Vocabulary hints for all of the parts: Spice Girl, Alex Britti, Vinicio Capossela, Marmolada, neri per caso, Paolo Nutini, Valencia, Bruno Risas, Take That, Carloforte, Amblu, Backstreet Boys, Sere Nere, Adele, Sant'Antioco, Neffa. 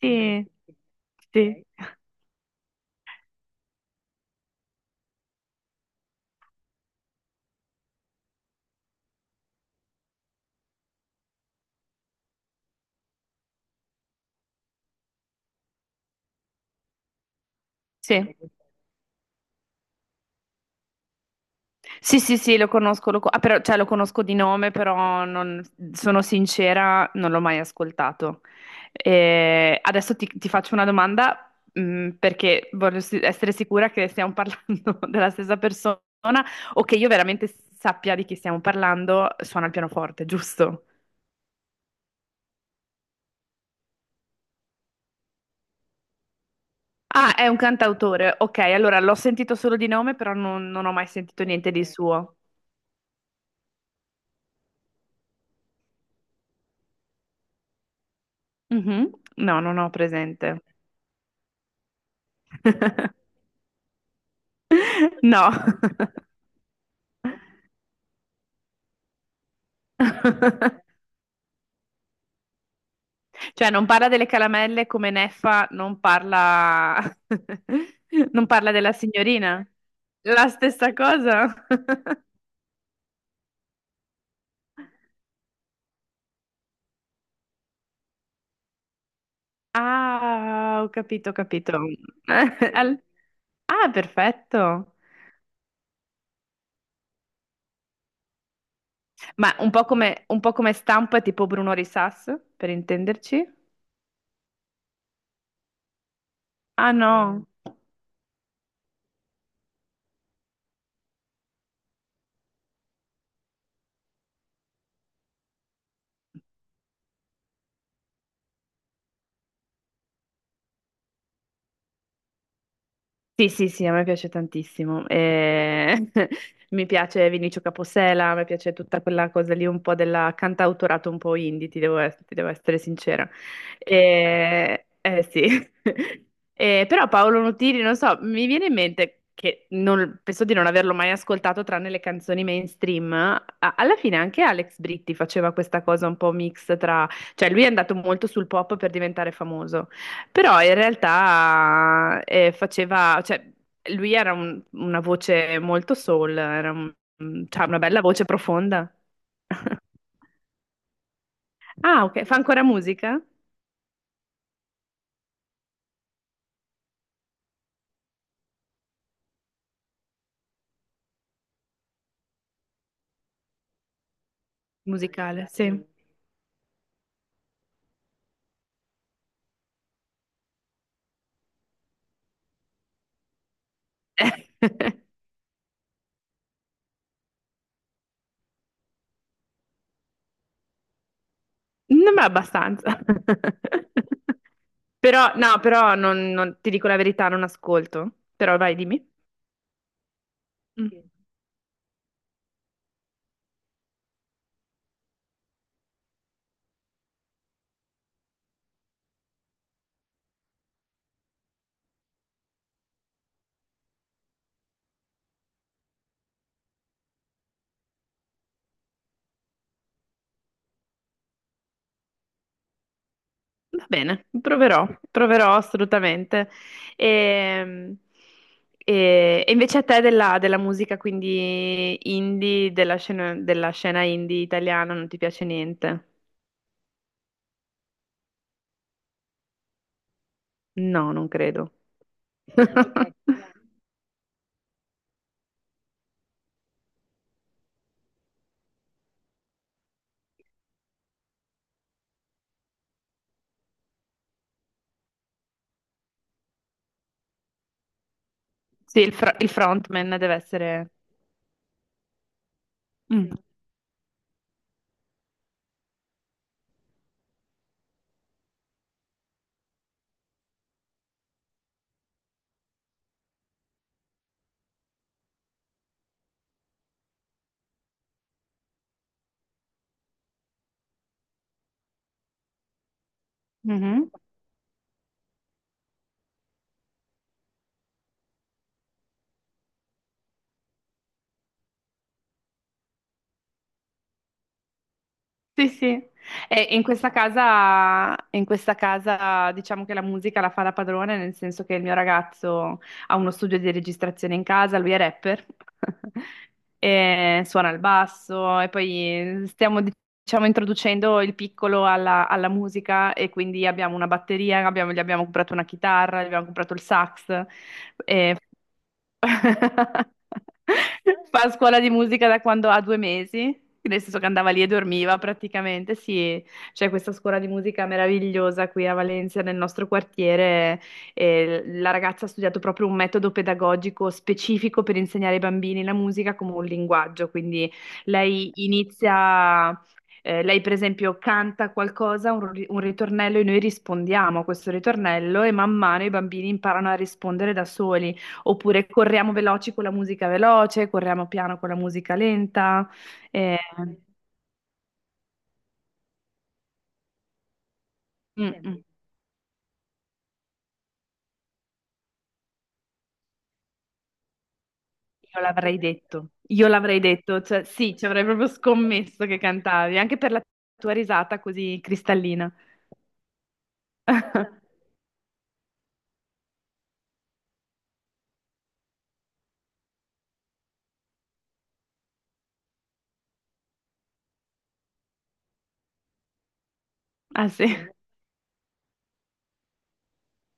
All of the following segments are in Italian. Sì, sì, sì, sì, sì, sì, lo conosco, ah, però, cioè, lo conosco di nome, però sono sincera, non l'ho mai ascoltato. Adesso ti faccio una domanda, perché essere sicura che stiamo parlando della stessa persona o che io veramente sappia di chi stiamo parlando, suona il pianoforte, giusto? Ah, è un cantautore, ok, allora l'ho sentito solo di nome, però non ho mai sentito niente di suo. Mhm. No, non ho presente. No, cioè non parla delle caramelle come Neffa non parla, non parla della signorina. La stessa cosa? Ah, ho capito, ho capito. Al- Ah, perfetto. Ma un po' come stampa tipo Bruno Risas, per intenderci? Ah, no. Sì, sì, sì, a me piace tantissimo. Mi piace Vinicio Capossela, mi piace tutta quella cosa lì, un po' della cantautorato un po' indie, ti devo essere sincera. Eh, sì. Però Paolo Nutini, non so, mi viene in mente che penso di non averlo mai ascoltato tranne le canzoni mainstream. Alla fine anche Alex Britti faceva questa cosa un po' mix tra... Cioè lui è andato molto sul pop per diventare famoso. Però in realtà faceva, cioè, lui era una voce molto soul, era cioè, una bella voce profonda. Ah, ok, fa ancora musica? Musicale, sì. Non ma abbastanza. Però, no, però non ti dico la verità, non ascolto. Però vai, dimmi. Mm. Va bene, proverò, proverò assolutamente. E, e invece a te della musica, quindi indie, della scena indie italiana, non ti piace niente? No, non credo. Sì, il frontman deve essere... Mm. Mhm. Sì, sì. E in questa casa diciamo che la musica la fa la padrona, nel senso che il mio ragazzo ha uno studio di registrazione in casa, lui è rapper, e suona il basso e poi stiamo diciamo introducendo il piccolo alla musica e quindi abbiamo una batteria, gli abbiamo comprato una chitarra, gli abbiamo comprato il sax, e fa a scuola di musica da quando ha 2 mesi, nel senso che andava lì e dormiva praticamente. Sì, c'è questa scuola di musica meravigliosa qui a Valencia, nel nostro quartiere. E la ragazza ha studiato proprio un metodo pedagogico specifico per insegnare ai bambini la musica come un linguaggio. Quindi lei inizia. Lei, per esempio, canta qualcosa, un ritornello, e noi rispondiamo a questo ritornello, e man mano i bambini imparano a rispondere da soli. Oppure corriamo veloci con la musica veloce, corriamo piano con la musica lenta. eh, mm, mm. Io l'avrei detto, io l'avrei detto, cioè, sì, ci avrei proprio scommesso che cantavi, anche per la tua risata così cristallina. Ah sì.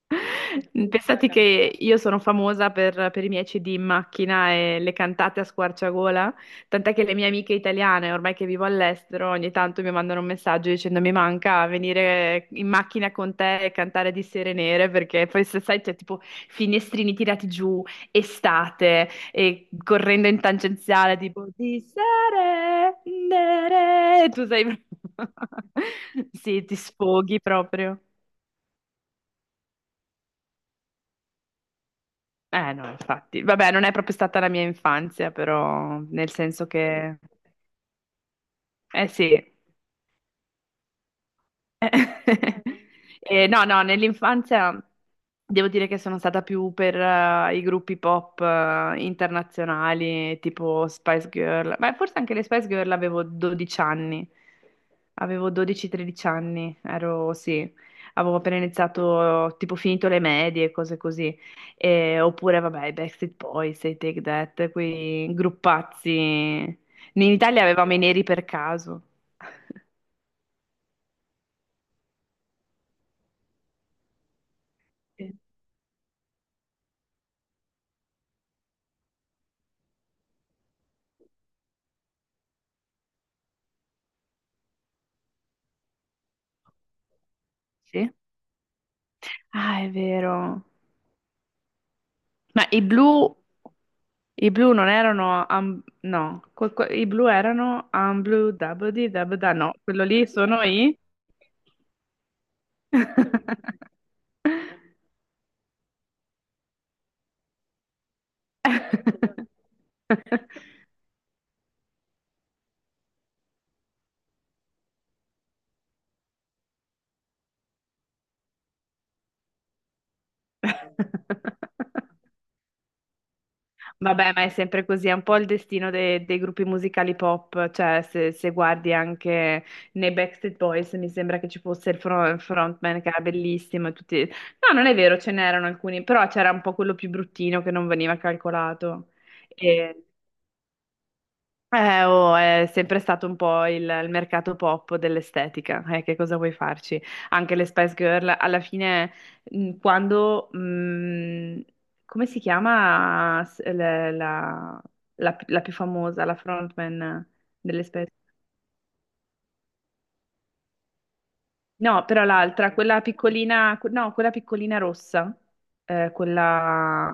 Pensate che io sono famosa per, i miei CD in macchina e le cantate a squarciagola, tant'è che le mie amiche italiane, ormai che vivo all'estero, ogni tanto mi mandano un messaggio dicendo mi manca venire in macchina con te e cantare di Sere Nere, perché poi se sai c'è tipo finestrini tirati giù, estate, e correndo in tangenziale tipo di Sere Nere, tu sei... Sì, ti sfoghi proprio. Eh no, infatti. Vabbè, non è proprio stata la mia infanzia, però nel senso che... Eh sì, eh, no, no, nell'infanzia devo dire che sono stata più per i gruppi pop internazionali, tipo Spice Girl, ma forse anche le Spice Girl avevo 12 anni, avevo 12-13 anni, ero, sì, avevo appena iniziato, tipo finito le medie, cose così. Oppure vabbè, i Backstreet Boys, i Take That, quei gruppazzi, in Italia avevamo i neri per caso. Sì. Sì? Ah, è vero. Ma i blu non erano, am- no, i blu erano Amblu, Dabudi, Dabda, no, quello lì sono i... Vabbè, ma è sempre così, è un po' il destino dei gruppi musicali pop, cioè se guardi anche nei Backstreet Boys mi sembra che ci fosse il frontman che era bellissimo e tutti... No, non è vero, ce n'erano alcuni, però c'era un po' quello più bruttino che non veniva calcolato. Oh, è sempre stato un po' il mercato pop dell'estetica, che cosa vuoi farci? Anche le Spice Girl, alla fine, quando, come si chiama la, la più famosa, la frontman delle Spice. No, però l'altra, quella piccolina, no, quella piccolina rossa, quella...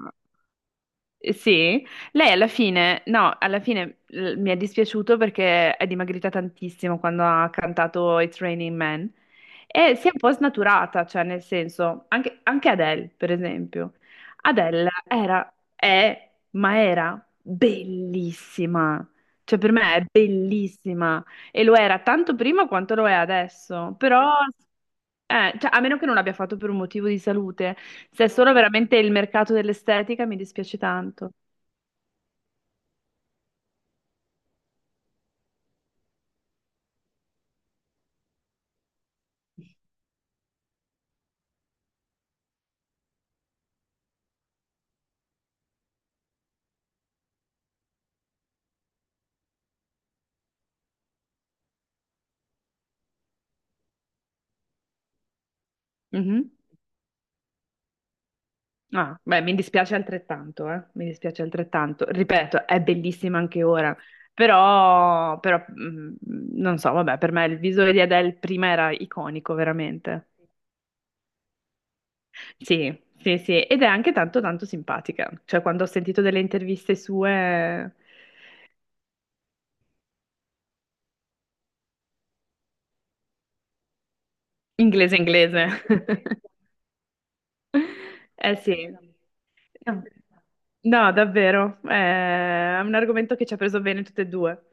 Sì, lei alla fine, no, alla fine mi è dispiaciuto perché è dimagrita tantissimo quando ha cantato It's Raining Men e si è un po' snaturata, cioè nel senso, anche, anche Adele, per esempio. Adele era, è, ma era bellissima, cioè per me è bellissima e lo era tanto prima quanto lo è adesso, però cioè, a meno che non l'abbia fatto per un motivo di salute, se è solo veramente il mercato dell'estetica mi dispiace tanto. Mhm. Ah, beh, mi dispiace altrettanto, eh? Mi dispiace altrettanto. Ripeto, è bellissima anche ora, però, non so, vabbè, per me il visuale di Adele prima era iconico, veramente. Sì, sì, sì, ed è anche tanto, tanto simpatica. Cioè, quando ho sentito delle interviste sue, inglese, inglese. Eh sì. No, davvero, è un argomento che ci ha preso bene tutte e due.